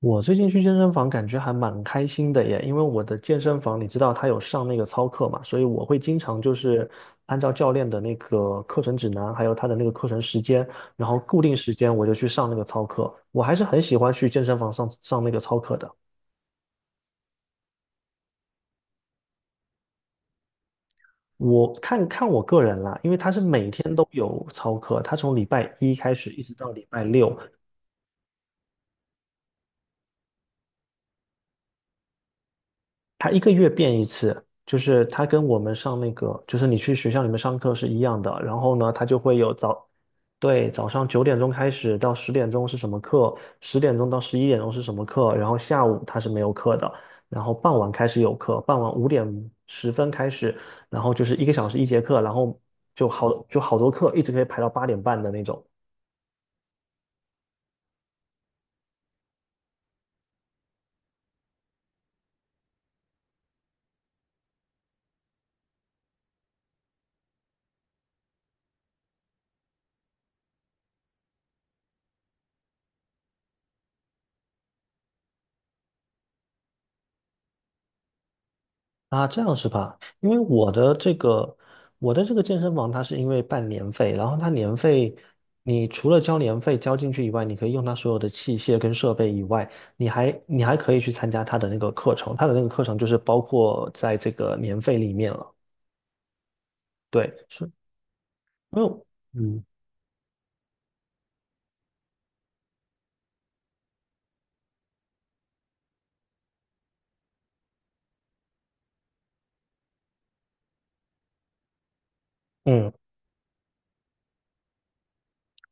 我最近去健身房感觉还蛮开心的耶，因为我的健身房你知道它有上那个操课嘛，所以我会经常就是按照教练的那个课程指南，还有他的那个课程时间，然后固定时间我就去上那个操课。我还是很喜欢去健身房上上那个操课的。我看看我个人啦，因为他是每天都有操课，他从礼拜一开始一直到礼拜六，它一个月变一次，就是它跟我们上那个，就是你去学校里面上课是一样的。然后呢，它就会有早，对，早上九点钟开始到十点钟是什么课，十点钟到十一点钟是什么课，然后下午它是没有课的，然后傍晚开始有课，傍晚5点10分开始，然后就是一个小时一节课，然后就好多课，一直可以排到8点半的那种。啊，这样是吧？因为我的这个健身房，它是因为办年费，然后它年费，你除了交年费交进去以外，你可以用它所有的器械跟设备以外，你还可以去参加它的那个课程，它的那个课程就是包括在这个年费里面了。对，是因为嗯嗯。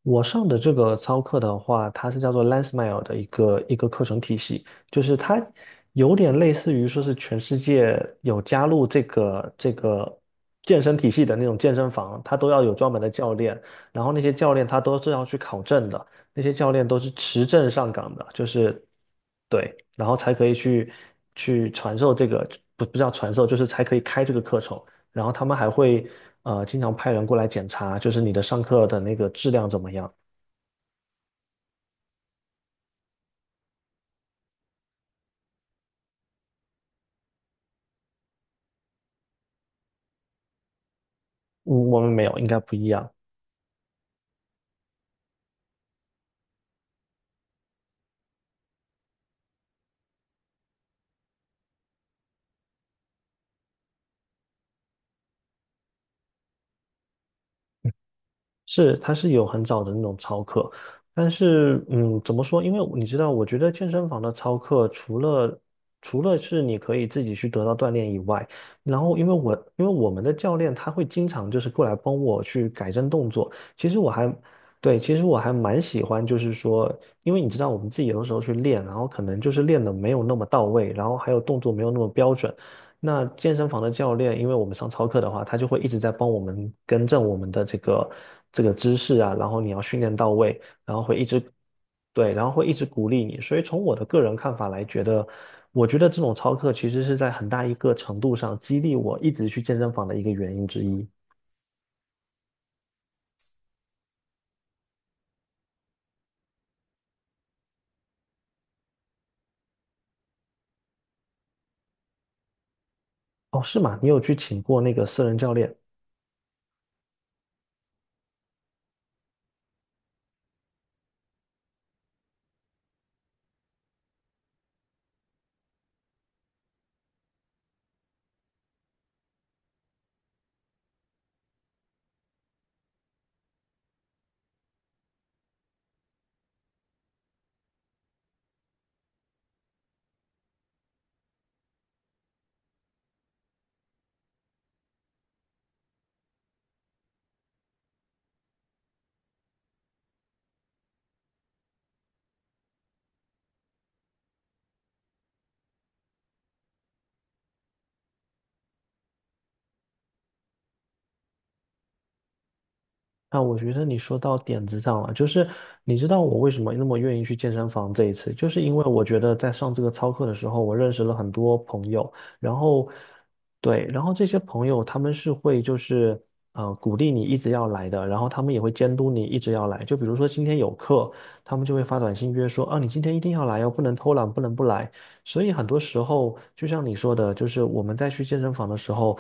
我上的这个操课的话，它是叫做 LensMile 的一个一个课程体系，就是它有点类似于说是全世界有加入这个健身体系的那种健身房，它都要有专门的教练，然后那些教练他都是要去考证的，那些教练都是持证上岗的，就是对，然后才可以去传授这个，不叫传授，就是才可以开这个课程。然后他们还会经常派人过来检查，就是你的上课的那个质量怎么样。嗯，我们没有，应该不一样。是，它是有很早的那种操课，但是，怎么说？因为你知道，我觉得健身房的操课除了是你可以自己去得到锻炼以外，然后因为我们的教练他会经常就是过来帮我去改正动作，其实我还对，其实我还蛮喜欢，就是说，因为你知道我们自己有的时候去练，然后可能就是练的没有那么到位，然后还有动作没有那么标准。那健身房的教练，因为我们上操课的话，他就会一直在帮我们更正我们的这个姿势啊，然后你要训练到位，然后会一直对，然后会一直鼓励你。所以从我的个人看法来觉得，我觉得这种操课其实是在很大一个程度上激励我一直去健身房的一个原因之一。哦，是吗？你有去请过那个私人教练？啊，我觉得你说到点子上了，就是你知道我为什么那么愿意去健身房这一次，就是因为我觉得在上这个操课的时候，我认识了很多朋友，然后对，然后这些朋友他们是会就是鼓励你一直要来的，然后他们也会监督你一直要来，就比如说今天有课，他们就会发短信约说啊你今天一定要来哦，不能偷懒，不能不来。所以很多时候就像你说的，就是我们在去健身房的时候。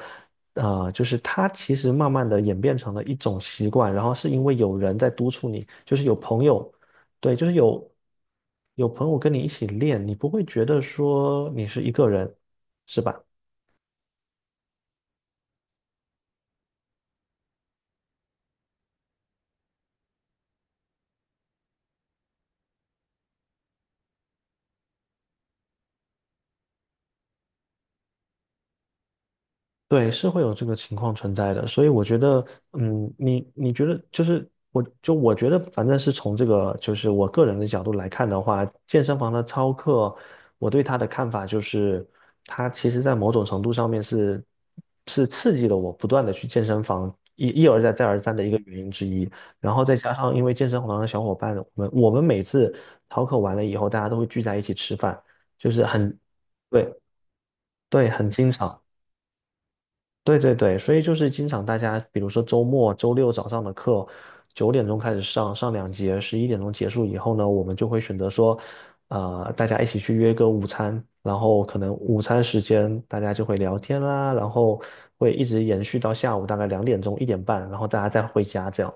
啊，就是它其实慢慢的演变成了一种习惯，然后是因为有人在督促你，就是有朋友，对，有朋友跟你一起练，你不会觉得说你是一个人，是吧？对，是会有这个情况存在的，所以我觉得，嗯，你你觉得就是我就我觉得，反正是从这个就是我个人的角度来看的话，健身房的操课，我对他的看法就是，他其实在某种程度上面是刺激了我不断的去健身房一一而再再而三的一个原因之一。然后再加上因为健身房的小伙伴，我们每次操课完了以后，大家都会聚在一起吃饭，就是很对对，很经常。对对对，所以就是经常大家，比如说周末、周六早上的课，九点钟开始上，上两节，十一点钟结束以后呢，我们就会选择说，大家一起去约个午餐，然后可能午餐时间大家就会聊天啦，然后会一直延续到下午大概2点钟、1点半，然后大家再回家这样。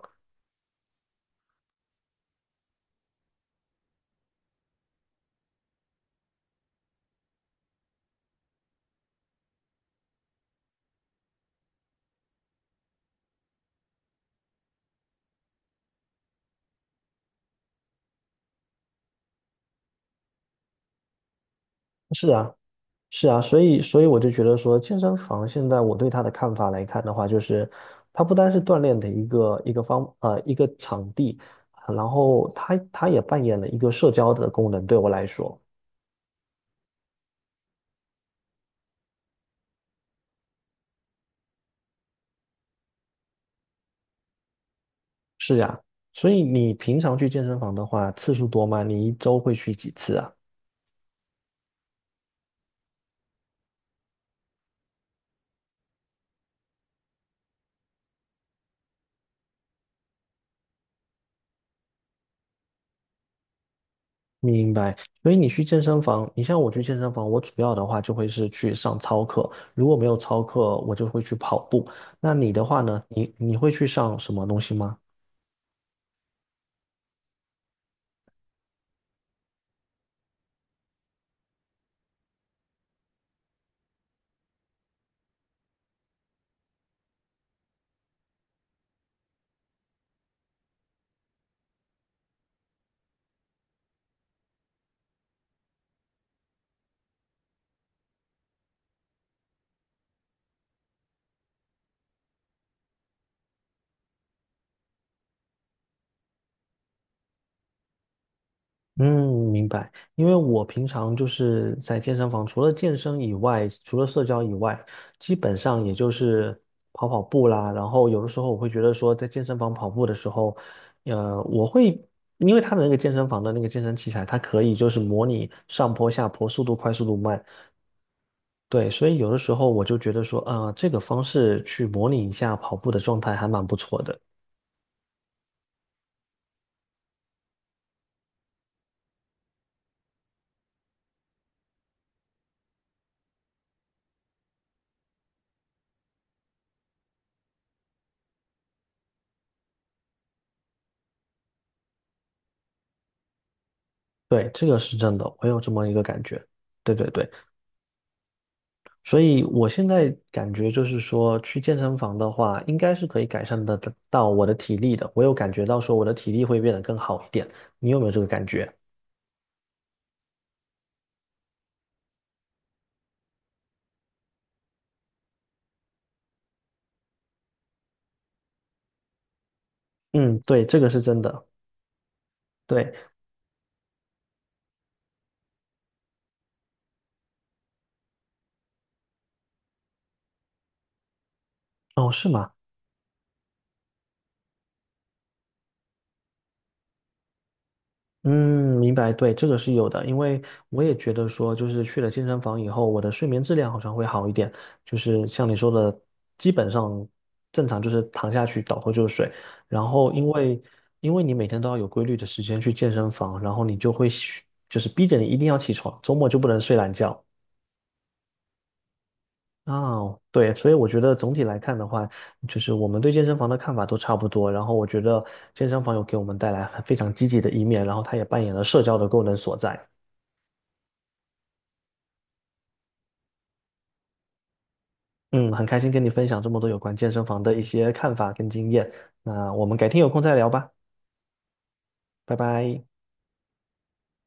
是啊。是啊，所以我就觉得说，健身房现在我对它的看法来看的话，就是它不单是锻炼的一个场地，然后它也扮演了一个社交的功能，对我来说。是呀，所以你平常去健身房的话，次数多吗？你一周会去几次啊？明白。所以你去健身房，你像我去健身房，我主要的话就会是去上操课，如果没有操课，我就会去跑步。那你的话呢？你会去上什么东西吗？嗯，明白。因为我平常就是在健身房，除了健身以外，除了社交以外，基本上也就是跑跑步啦。然后有的时候我会觉得说，在健身房跑步的时候，呃，我会因为他的那个健身房的那个健身器材，它可以就是模拟上坡、下坡、速度快、速度慢。对，所以有的时候我就觉得说，啊、这个方式去模拟一下跑步的状态还蛮不错的。对，这个是真的，我有这么一个感觉。对对对。所以我现在感觉就是说，去健身房的话，应该是可以改善得到我的体力的。我有感觉到说我的体力会变得更好一点，你有没有这个感觉？嗯，对，这个是真的。对，哦，是吗？嗯，明白，对，这个是有的，因为我也觉得说，就是去了健身房以后，我的睡眠质量好像会好一点，就是像你说的，基本上正常就是躺下去倒头就睡，然后因为你每天都要有规律的时间去健身房，然后你就会就是逼着你一定要起床，周末就不能睡懒觉。哦，对，所以我觉得总体来看的话，就是我们对健身房的看法都差不多。然后我觉得健身房有给我们带来非常积极的一面，然后它也扮演了社交的功能所在。嗯，很开心跟你分享这么多有关健身房的一些看法跟经验。那我们改天有空再聊吧，拜拜。